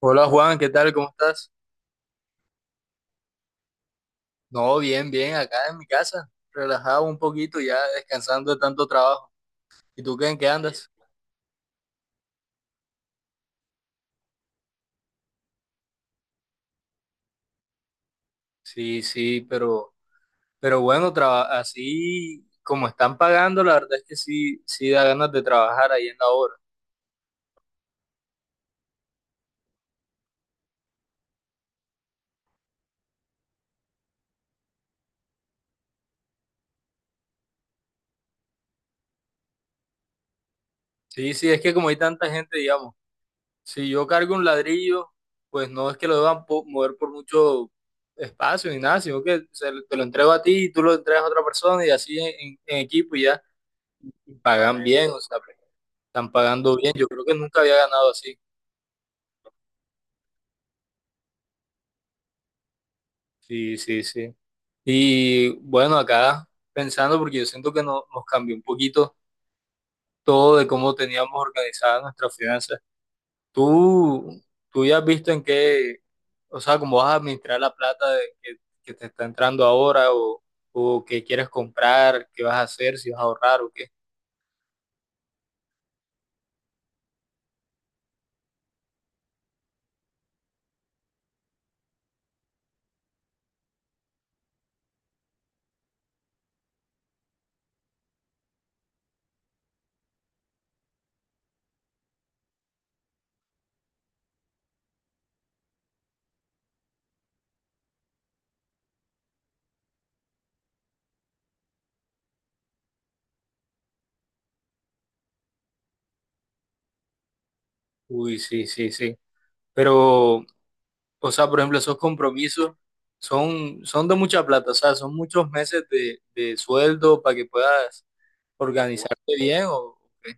Hola Juan, ¿qué tal? ¿Cómo estás? No, bien, bien, acá en mi casa, relajado un poquito ya, descansando de tanto trabajo. ¿Y tú qué, en qué andas? Sí, sí, pero bueno, así como están pagando, la verdad es que sí, sí da ganas de trabajar ahí en la obra. Sí, sí, es que como hay tanta gente, digamos, si yo cargo un ladrillo, pues no es que lo deban mover por mucho espacio ni nada, sino que se, te lo entrego a ti y tú lo entregas a otra persona y así en equipo y ya, y pagan bien, o sea. Están pagando bien, yo creo que nunca había ganado así. Sí, sí, sí. Y bueno, acá pensando, porque yo siento que nos cambió un poquito todo de cómo teníamos organizadas nuestras finanzas. Tú, tú ya has visto en qué, o sea, cómo vas a administrar la plata que te está entrando ahora o qué quieres comprar, qué vas a hacer, si vas a ahorrar o qué. Uy, sí, sí, sí. Pero, o sea, por ejemplo, esos compromisos son de mucha plata, o sea, son muchos meses de sueldo para que puedas organizarte bien o qué.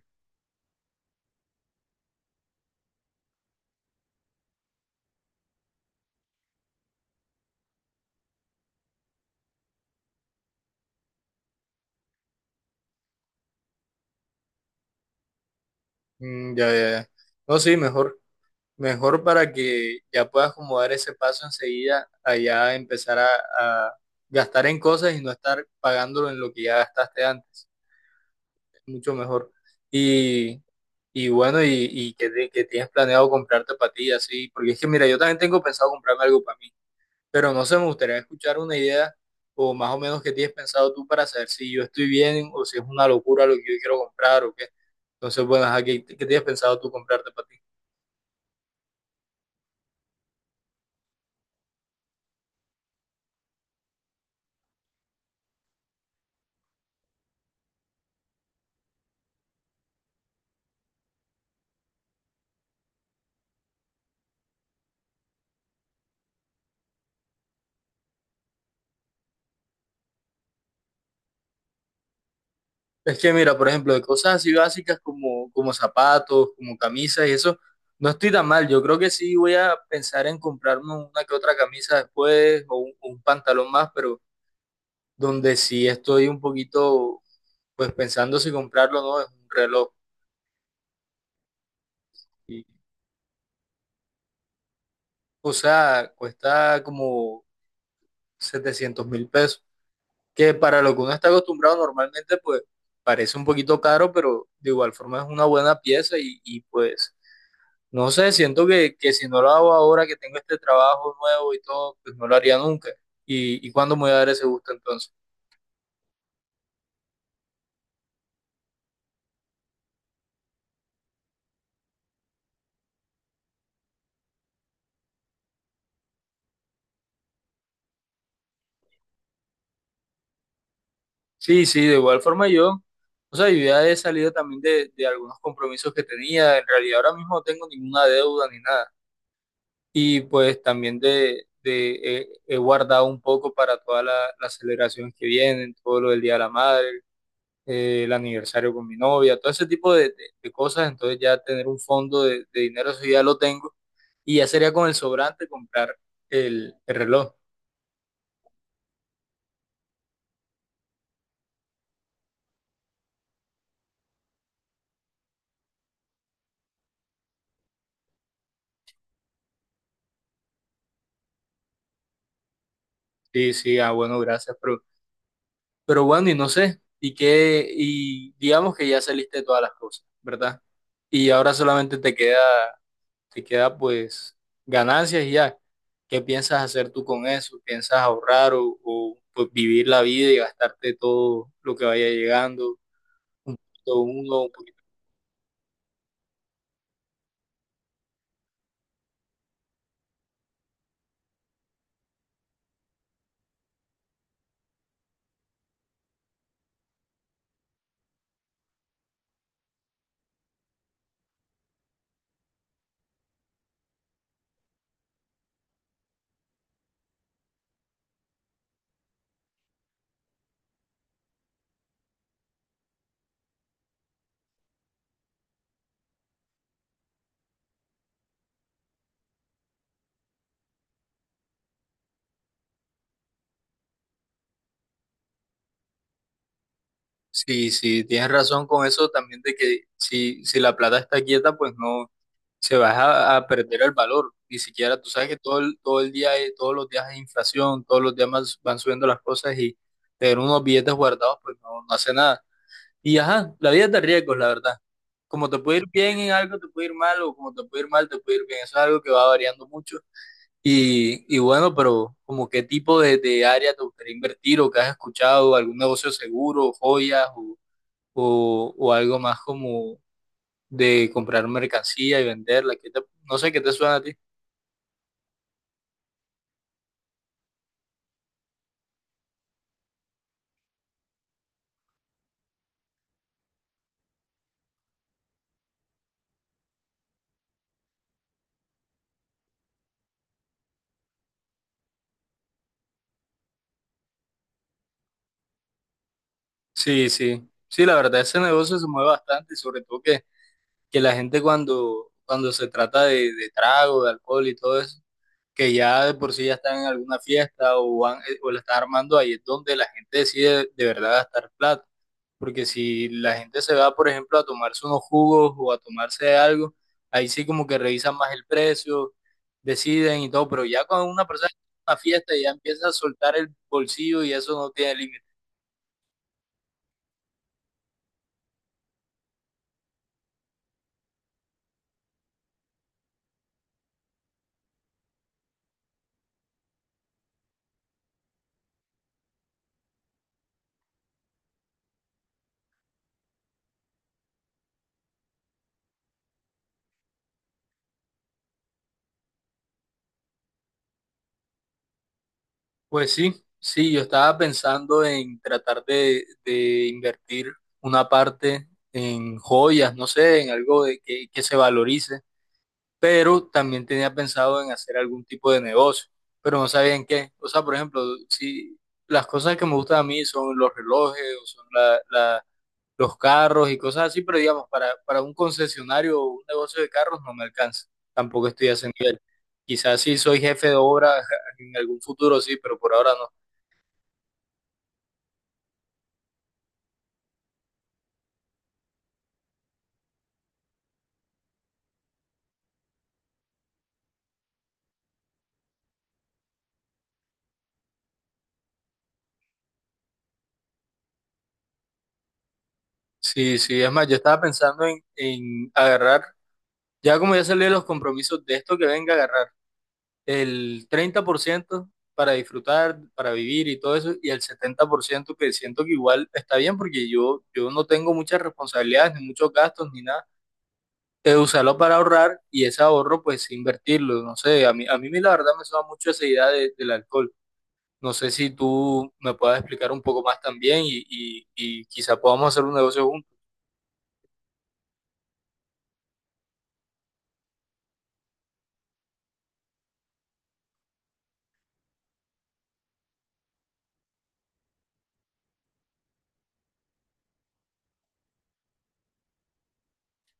Mm, ya, ya, ya. No, sí, mejor, mejor para que ya puedas como dar ese paso enseguida allá empezar a gastar en cosas y no estar pagándolo en lo que ya gastaste antes. Es mucho mejor. Y, y bueno, que tienes planeado comprarte para ti, así, porque es que mira, yo también tengo pensado comprarme algo para mí. Pero no sé, me gustaría escuchar una idea o más o menos qué tienes pensado tú para saber si yo estoy bien o si es una locura lo que yo quiero comprar o qué. Entonces, bueno, ajá, ¿qué, qué tienes pensado tú comprarte para ti? Es que mira, por ejemplo, de cosas así básicas como, como zapatos, como camisas y eso, no estoy tan mal. Yo creo que sí voy a pensar en comprarme una que otra camisa después o un pantalón más, pero donde sí estoy un poquito, pues pensando si comprarlo o no, es un reloj. Y, o sea, cuesta como 700.000 pesos, que para lo que uno está acostumbrado normalmente, pues parece un poquito caro, pero de igual forma es una buena pieza y pues, no sé, siento que si no lo hago ahora que tengo este trabajo nuevo y todo, pues no lo haría nunca. Y cuándo me voy a dar ese gusto entonces? Sí, sí, de igual forma yo, o sea, yo ya he salido también de algunos compromisos que tenía, en realidad ahora mismo no tengo ninguna deuda ni nada. Y pues también he guardado un poco para todas las celebraciones que vienen, todo lo del Día de la Madre, el aniversario con mi novia, todo ese tipo de cosas. Entonces ya tener un fondo de dinero, eso ya lo tengo. Y ya sería con el sobrante comprar el reloj. Sí, sí, ah, bueno, gracias. Pero bueno, y no sé, y qué, y digamos que ya saliste de todas las cosas, ¿verdad? Y ahora solamente te queda pues ganancias y ya. ¿Qué piensas hacer tú con eso? ¿Piensas ahorrar o, pues, vivir la vida y gastarte todo lo que vaya llegando? Un poquito uno, un poquito. Sí, sí, tienes razón con eso también de que si, si la plata está quieta, pues no se va a perder el valor. Ni siquiera, tú sabes que todos los días hay inflación, todos los días más van subiendo las cosas y tener unos billetes guardados, pues no, no hace nada. Y ajá, la vida es de riesgos, la verdad. Como te puede ir bien en algo, te puede ir mal, o como te puede ir mal, te puede ir bien. Eso es algo que va variando mucho. Y bueno, pero como qué tipo de área te gustaría invertir o que has escuchado, algún negocio seguro, joyas o algo más como de comprar mercancía y venderla. No sé qué te suena a ti. Sí, sí, sí, la verdad ese negocio se mueve bastante y sobre todo que la gente cuando, cuando se trata de trago, de alcohol y todo eso, que ya de por sí ya están en alguna fiesta o, van, o la están armando, ahí es donde la gente decide de verdad gastar plata. Porque si la gente se va, por ejemplo, a tomarse unos jugos o a tomarse algo, ahí sí como que revisan más el precio, deciden y todo, pero ya cuando una persona está en una fiesta ya empieza a soltar el bolsillo y eso no tiene límite. Pues sí, sí, yo estaba pensando en tratar de invertir una parte en joyas, no sé, en algo de que se valorice, pero también tenía pensado en hacer algún tipo de negocio, pero no sabía en qué. O sea, por ejemplo, si las cosas que me gustan a mí son los relojes o son los carros y cosas así, pero digamos, para un concesionario o un negocio de carros no me alcanza. Tampoco estoy a ese nivel. Quizás sí soy jefe de obra en algún futuro, sí, pero por ahora no. Sí, sí, es más, yo estaba pensando en agarrar, ya como ya salí de los compromisos de esto que venga a agarrar el 30% para disfrutar, para vivir y todo eso, y el 70% que siento que igual está bien porque yo no tengo muchas responsabilidades, ni muchos gastos, ni nada. Usarlo para ahorrar y ese ahorro pues invertirlo, no sé, a mí la verdad me suena mucho esa idea del alcohol. No sé si tú me puedas explicar un poco más también y quizá podamos hacer un negocio juntos.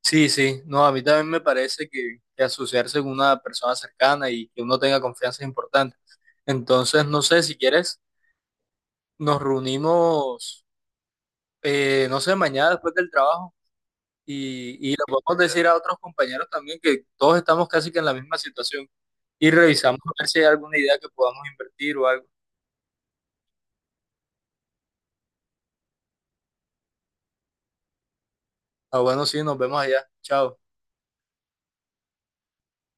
Sí, sí, no, a mí también me parece que asociarse con una persona cercana y que uno tenga confianza es importante. Entonces, no sé, si quieres, nos reunimos, no sé, mañana después del trabajo y lo podemos decir a otros compañeros también que todos estamos casi que en la misma situación y revisamos a ver si hay alguna idea que podamos invertir o algo. Ah, bueno, sí, nos vemos allá. Chao.